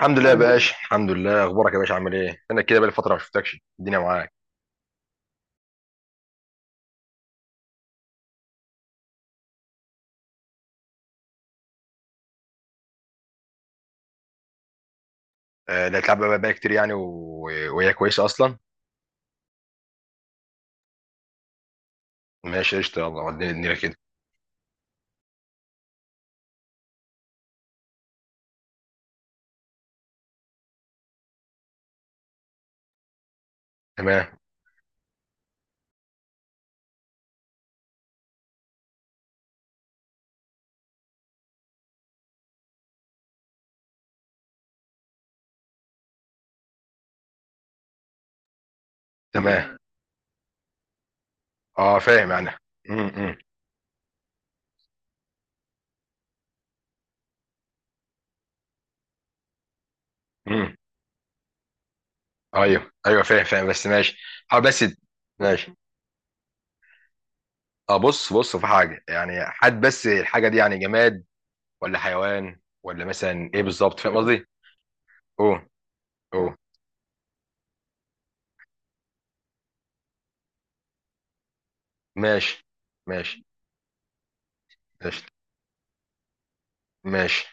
الحمد لله، يا عامل ايه؟ باشا، الحمد لله. اخبارك يا باشا؟ عامل ايه؟ انا كده بقالي فتره ما شفتكش الدنيا معاك. آه، لا تلعب بقى كتير يعني و... وهي كويسه اصلا. ماشي قشطه، يلا وديني الدنيا كده. تمام، تمام. اه، فاهم انا. امم امم ايوه، ايوه، فاهم فاهم، بس ماشي. حاول بس. ماشي. اه، بص بص في حاجه يعني حد، بس الحاجه دي يعني جماد ولا حيوان؟ ولا مثلا ايه بالظبط؟ فاهم قصدي؟ اوه، اوه. ماشي، ماشي، قشطه. ماشي،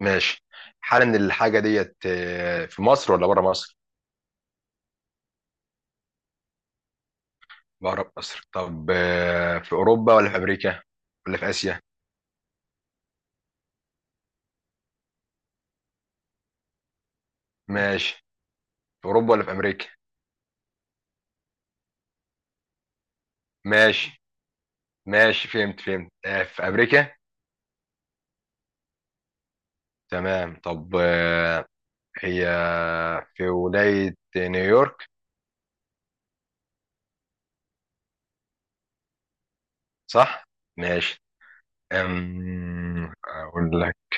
ماشي. حالا الحاجة ديت في مصر ولا بره مصر؟ بره مصر. طب في أوروبا ولا في أمريكا؟ ولا في آسيا؟ ماشي. في أوروبا ولا في أمريكا؟ ماشي، ماشي. فهمت، فهمت. في أمريكا؟ تمام. طب هي في ولاية نيويورك، صح؟ ماشي. أقول لك.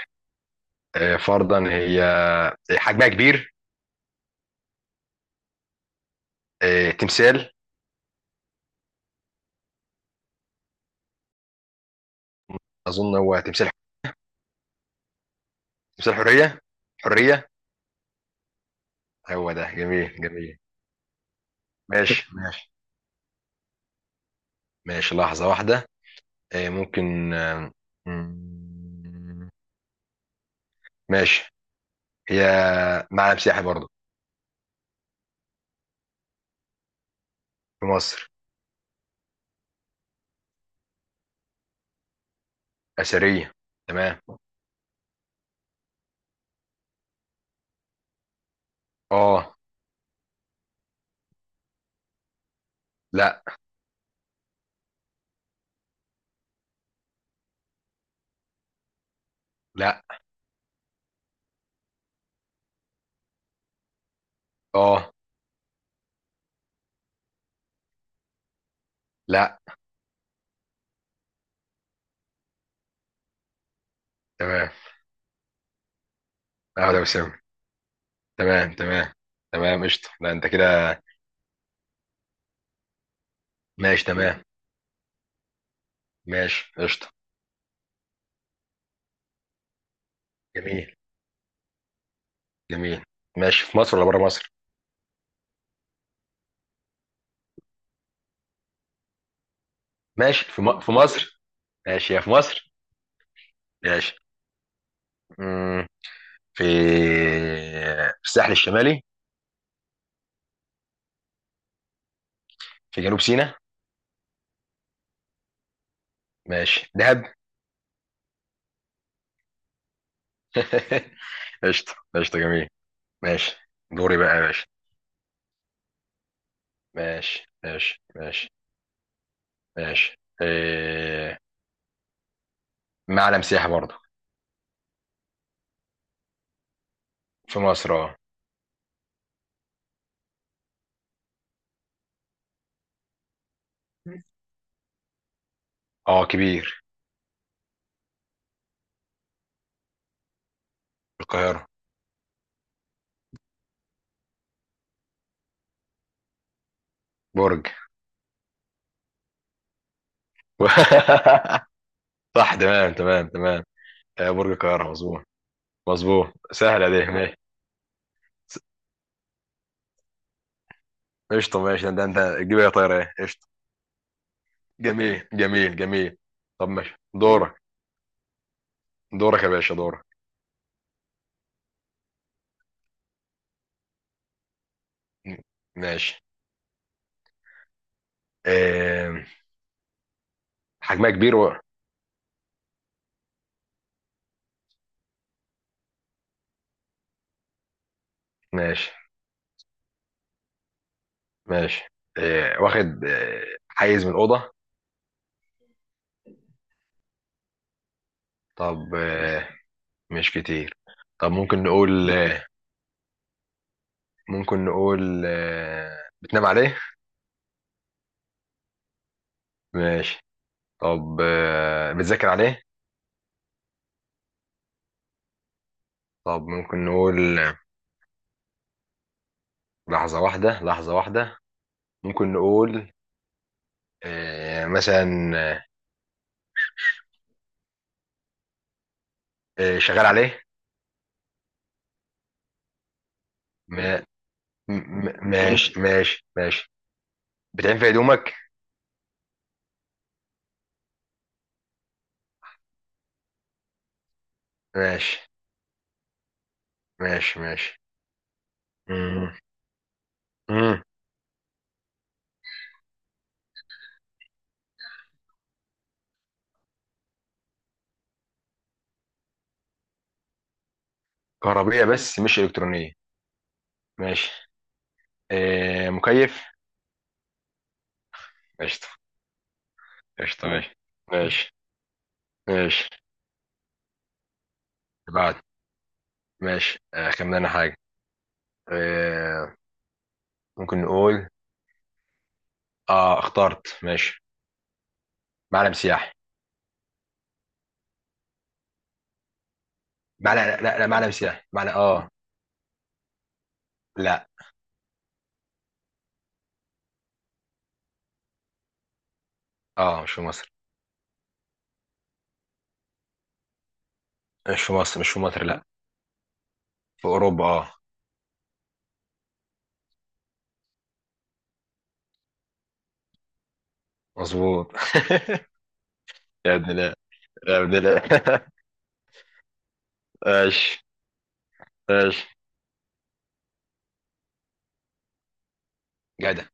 فرضا هي حجمها كبير. تمثال. أظن هو تمثال. تمثال حرية. حرية. هو ده. جميل، جميل. ماشي. ماشي، ماشي. لحظة واحدة. إيه، ممكن مم، ماشي. هي معلم سياحي برضه. في مصر. أثرية. تمام. اه. لا. لا. اه. لا. تمام. اه، ده وسام. تمام، تمام، تمام، قشطة. لا، انت كده. ماشي، تمام. ماشي. قشطة. جميل، جميل. ماشي. في مصر ولا بره مصر؟ ماشي. في مصر. ماشي يا. في مصر. ماشي. مم، في في الساحل الشمالي. في جنوب سيناء. ماشي. دهب. قشطة، قشطة، جميل. ماشي. دوري بقى يا باشا. ماشي، ماشي، ماشي. ماشي. معلم سياحي برضه. في مصر. اه. اه، كبير. في القاهرة. برج. صح. تمام، تمام، تمام. برج القاهرة، مظبوط. مظبوط. سهلة دي. ماشي. قشطة. ماشي. ده انت تجيب ايه يا طايرة؟ ايه قشطة. جميل، جميل، جميل. طب ماشي. دورك. دورك يا باشا، دورك. ماشي. إيه... حجمها كبير ماشي، ماشي. واخد حيز من الأوضة. طب مش كتير. طب ممكن نقول ممكن نقول بتنام عليه؟ ماشي. طب بتذاكر عليه؟ طب ممكن نقول لحظة واحدة، لحظة واحدة. ممكن نقول مثلا آه، شغال عليه. ما- ماشي، ماشي، ماشي. بتعين في هدومك. ماشي، ماشي، ماشي. مم. مم. كهربية بس مش إلكترونية. ماشي. مكيف. قشطة، قشطة. ماشي، ماشي، ماشي. اللي بعد. ماشي. خمن أنا حاجة. آه ممكن نقول. اه، اخترت. ماشي. معلم سياحي، معلم. لا، لا، لا، معلم سياحي، معلم. اه. لا. اه مش في مصر، مش في مصر، مش في مصر. لا. في أوروبا، اه. مظبوط. يا ابن لا. يا ابن لا. ماشي. ماشي. جدع.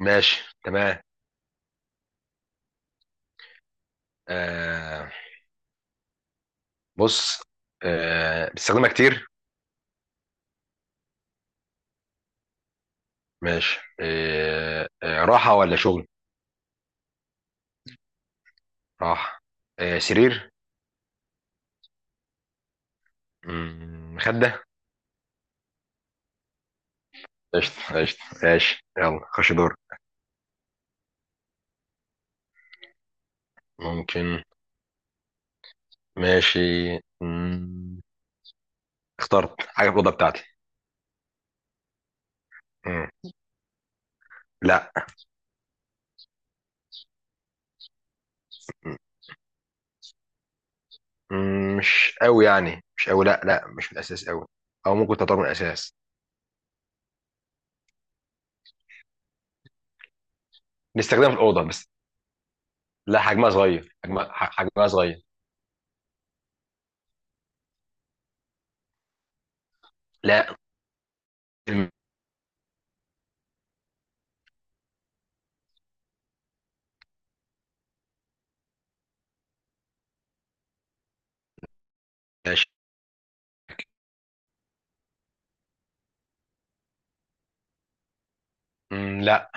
ماشي، تمام. آه بص. بتستخدمها كتير؟ ماشي. راحة ولا شغل؟ راح. سرير. مخدة. قشطة، قشطة. ماشي. يلا خش دور. ممكن. ماشي. مم، اخترت حاجة في الأوضة بتاعتي. مم، لا. مش قوي يعني مش قوي، لا لا، مش من الأساس قوي. أو ممكن تعتبر من الأساس. نستخدمها في الأوضة بس. لا، حجمها صغير. حجمها حجمها صغير. لا. ماشي. لا.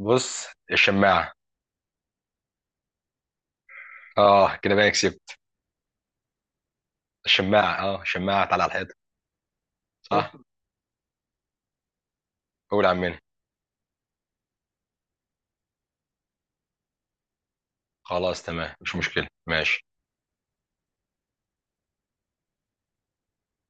بص، الشماعة. اه كده بقى كسبت. الشماعة، اه، الشماعة. تعالى على الحيطة. صح. قول يا عمنا. خلاص، تمام، مش مشكلة. ماشي.